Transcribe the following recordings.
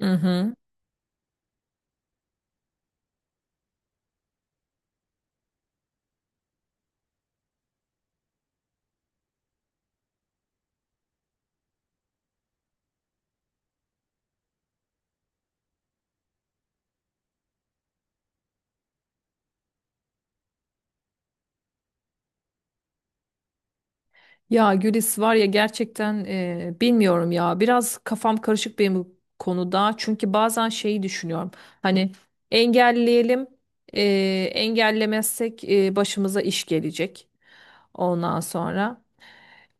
Hı hı. Ya Gülis var ya gerçekten bilmiyorum ya biraz kafam karışık benim bu konuda çünkü bazen şeyi düşünüyorum hani engelleyelim e, engellemezsek başımıza iş gelecek ondan sonra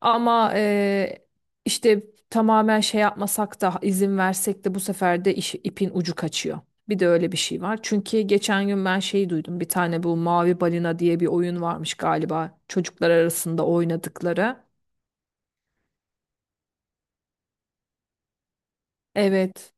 ama işte tamamen şey yapmasak da izin versek de bu sefer de ipin ucu kaçıyor. Bir de öyle bir şey var. Çünkü geçen gün ben şeyi duydum. Bir tane bu Mavi Balina diye bir oyun varmış galiba. Çocuklar arasında oynadıkları. Evet.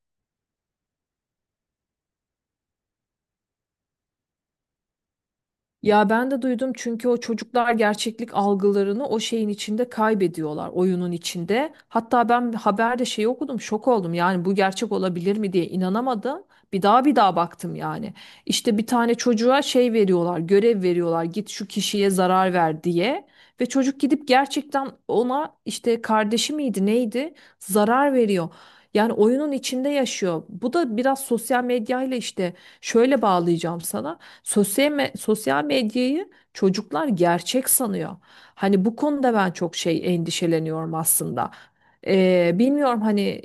Ya ben de duydum çünkü o çocuklar gerçeklik algılarını o şeyin içinde kaybediyorlar, oyunun içinde. Hatta ben haberde şey okudum, şok oldum. Yani bu gerçek olabilir mi diye inanamadım. Bir daha bir daha baktım yani. İşte bir tane çocuğa şey veriyorlar, görev veriyorlar. Git şu kişiye zarar ver diye. Ve çocuk gidip gerçekten ona işte kardeşi miydi, neydi? Zarar veriyor. Yani oyunun içinde yaşıyor. Bu da biraz sosyal medyayla işte şöyle bağlayacağım sana. Sosyal medyayı çocuklar gerçek sanıyor. Hani bu konuda ben çok şey endişeleniyorum aslında. Bilmiyorum hani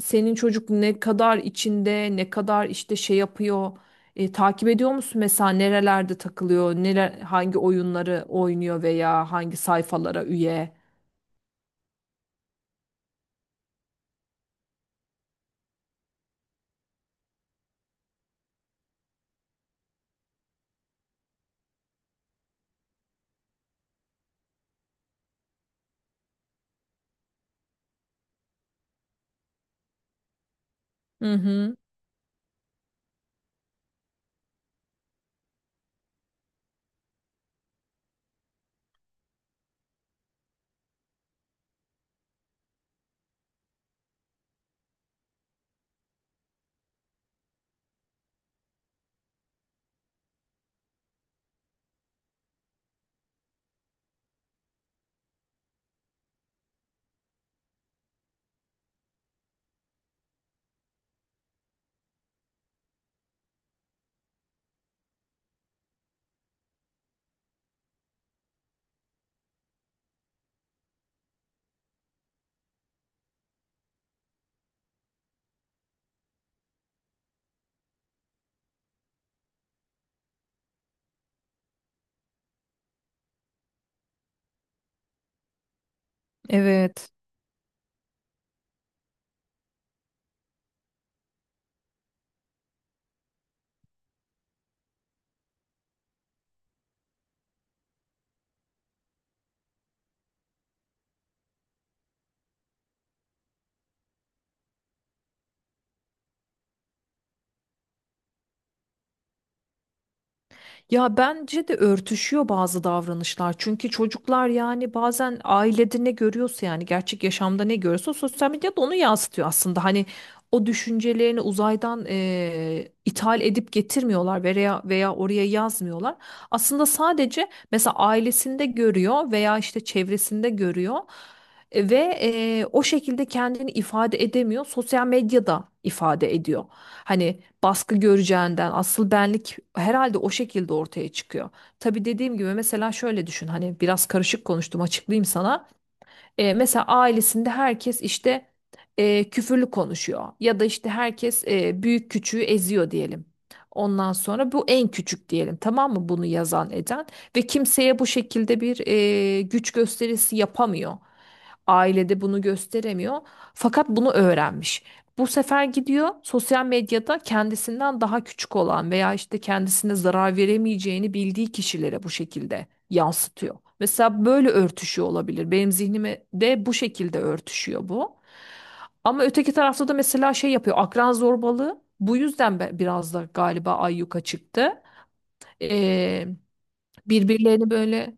senin çocuk ne kadar içinde, ne kadar işte şey yapıyor. Takip ediyor musun mesela nerelerde takılıyor, neler, hangi oyunları oynuyor veya hangi sayfalara üye? Hı hı. Evet. Ya bence de örtüşüyor bazı davranışlar. Çünkü çocuklar yani bazen ailede ne görüyorsa yani gerçek yaşamda ne görüyorsa sosyal medyada onu yansıtıyor aslında. Hani o düşüncelerini uzaydan ithal edip getirmiyorlar veya oraya yazmıyorlar. Aslında sadece mesela ailesinde görüyor veya işte çevresinde görüyor. E, ve O şekilde kendini ifade edemiyor. Sosyal medyada ifade ediyor. Hani baskı göreceğinden asıl benlik herhalde o şekilde ortaya çıkıyor. Tabii dediğim gibi mesela şöyle düşün hani biraz karışık konuştum açıklayayım sana. Mesela ailesinde herkes işte küfürlü konuşuyor ya da işte herkes büyük küçüğü eziyor diyelim. Ondan sonra bu en küçük diyelim tamam mı bunu yazan eden ve kimseye bu şekilde bir güç gösterisi yapamıyor. Ailede bunu gösteremiyor fakat bunu öğrenmiş. Bu sefer gidiyor sosyal medyada kendisinden daha küçük olan veya işte kendisine zarar veremeyeceğini bildiği kişilere bu şekilde yansıtıyor. Mesela böyle örtüşüyor olabilir. Benim zihnime de bu şekilde örtüşüyor bu. Ama öteki tarafta da mesela şey yapıyor. Akran zorbalığı bu yüzden biraz da galiba ayyuka çıktı. Ee, Birbirlerini böyle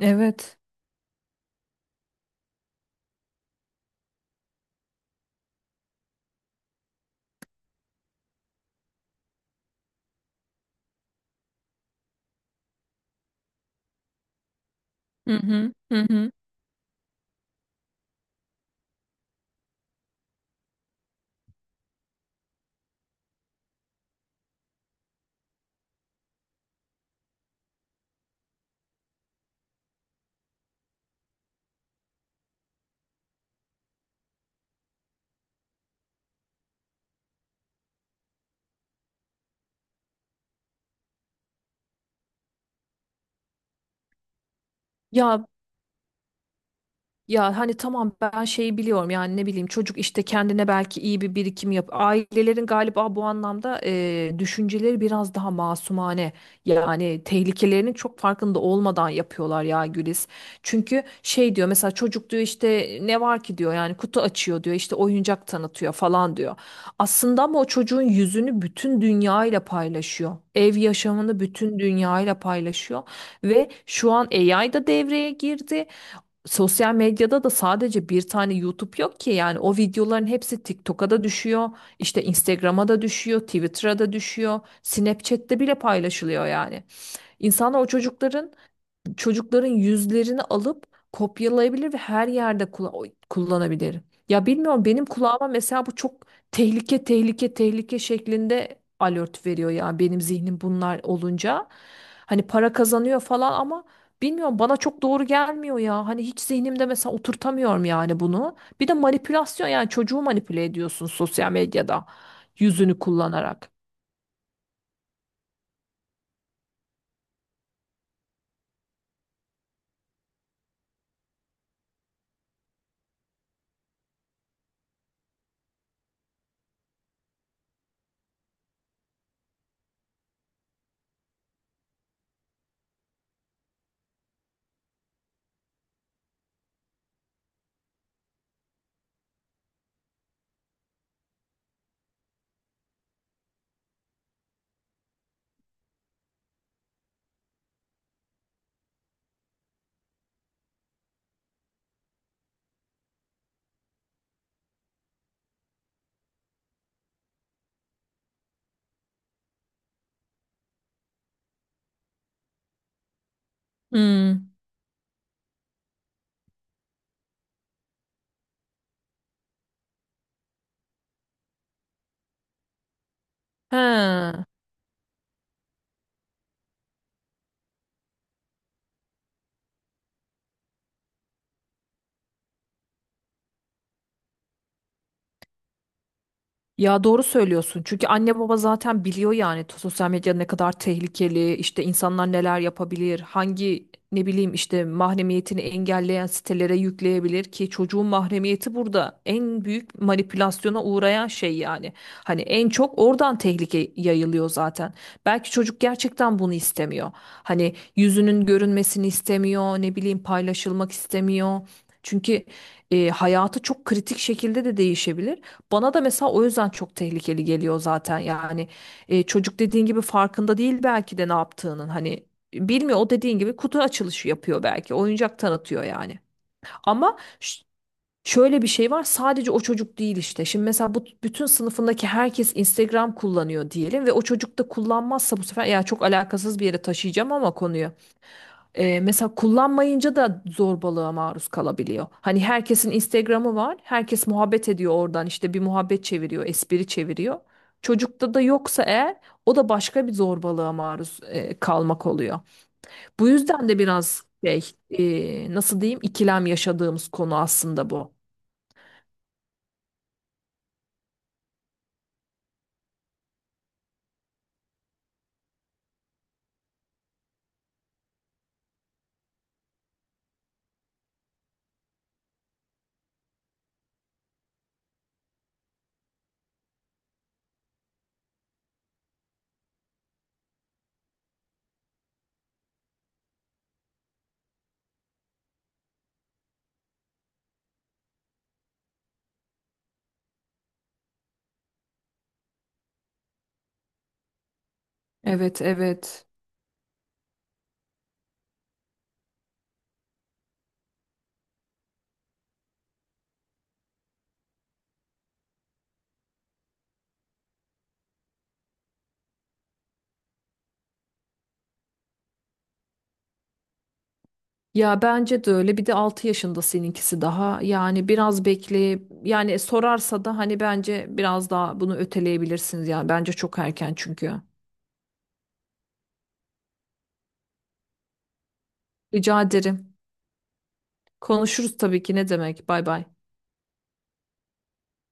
evet. Hı hı, hı hı. Ya Ya hani tamam ben şeyi biliyorum yani ne bileyim çocuk işte kendine belki iyi bir birikim yap. Ailelerin galiba bu anlamda düşünceleri biraz daha masumane. Yani tehlikelerinin çok farkında olmadan yapıyorlar ya Güliz. Çünkü şey diyor mesela çocuk diyor işte ne var ki diyor yani kutu açıyor diyor işte oyuncak tanıtıyor falan diyor. Aslında ama o çocuğun yüzünü bütün dünyayla paylaşıyor. Ev yaşamını bütün dünyayla paylaşıyor ve şu an AI da devreye girdi. Sosyal medyada da sadece bir tane YouTube yok ki yani o videoların hepsi TikTok'a da düşüyor, işte Instagram'a da düşüyor, Twitter'a da düşüyor, Snapchat'te bile paylaşılıyor yani. İnsanlar o çocukların yüzlerini alıp kopyalayabilir ve her yerde kullanabilir. Ya bilmiyorum benim kulağıma mesela bu çok tehlike tehlike şeklinde alert veriyor ya benim zihnim bunlar olunca. Hani para kazanıyor falan ama bilmiyorum bana çok doğru gelmiyor ya. Hani hiç zihnimde mesela oturtamıyorum yani bunu. Bir de manipülasyon yani çocuğu manipüle ediyorsun sosyal medyada yüzünü kullanarak. Hmm. He. Ya doğru söylüyorsun. Çünkü anne baba zaten biliyor yani sosyal medya ne kadar tehlikeli, işte insanlar neler yapabilir, hangi ne bileyim işte mahremiyetini engelleyen sitelere yükleyebilir ki çocuğun mahremiyeti burada en büyük manipülasyona uğrayan şey yani. Hani en çok oradan tehlike yayılıyor zaten. Belki çocuk gerçekten bunu istemiyor. Hani yüzünün görünmesini istemiyor, ne bileyim paylaşılmak istemiyor. Çünkü hayatı çok kritik şekilde de değişebilir. Bana da mesela o yüzden çok tehlikeli geliyor zaten yani. Çocuk dediğin gibi farkında değil belki de ne yaptığının hani bilmiyor. O dediğin gibi kutu açılışı yapıyor belki oyuncak tanıtıyor yani ama şöyle bir şey var, sadece o çocuk değil işte şimdi mesela bu bütün sınıfındaki herkes Instagram kullanıyor diyelim ve o çocuk da kullanmazsa bu sefer, ya çok alakasız bir yere taşıyacağım ama konuyu, mesela kullanmayınca da zorbalığa maruz kalabiliyor. Hani herkesin Instagram'ı var. Herkes muhabbet ediyor oradan işte bir muhabbet çeviriyor, espri çeviriyor. Çocukta da yoksa eğer o da başka bir zorbalığa maruz kalmak oluyor. Bu yüzden de biraz şey nasıl diyeyim ikilem yaşadığımız konu aslında bu. Evet, evet. Ya bence de öyle. Bir de 6 yaşında seninkisi daha. Yani biraz bekle. Yani sorarsa da hani bence biraz daha bunu öteleyebilirsiniz. Yani bence çok erken çünkü. Rica ederim. Konuşuruz tabii ki. Ne demek? Bay bay.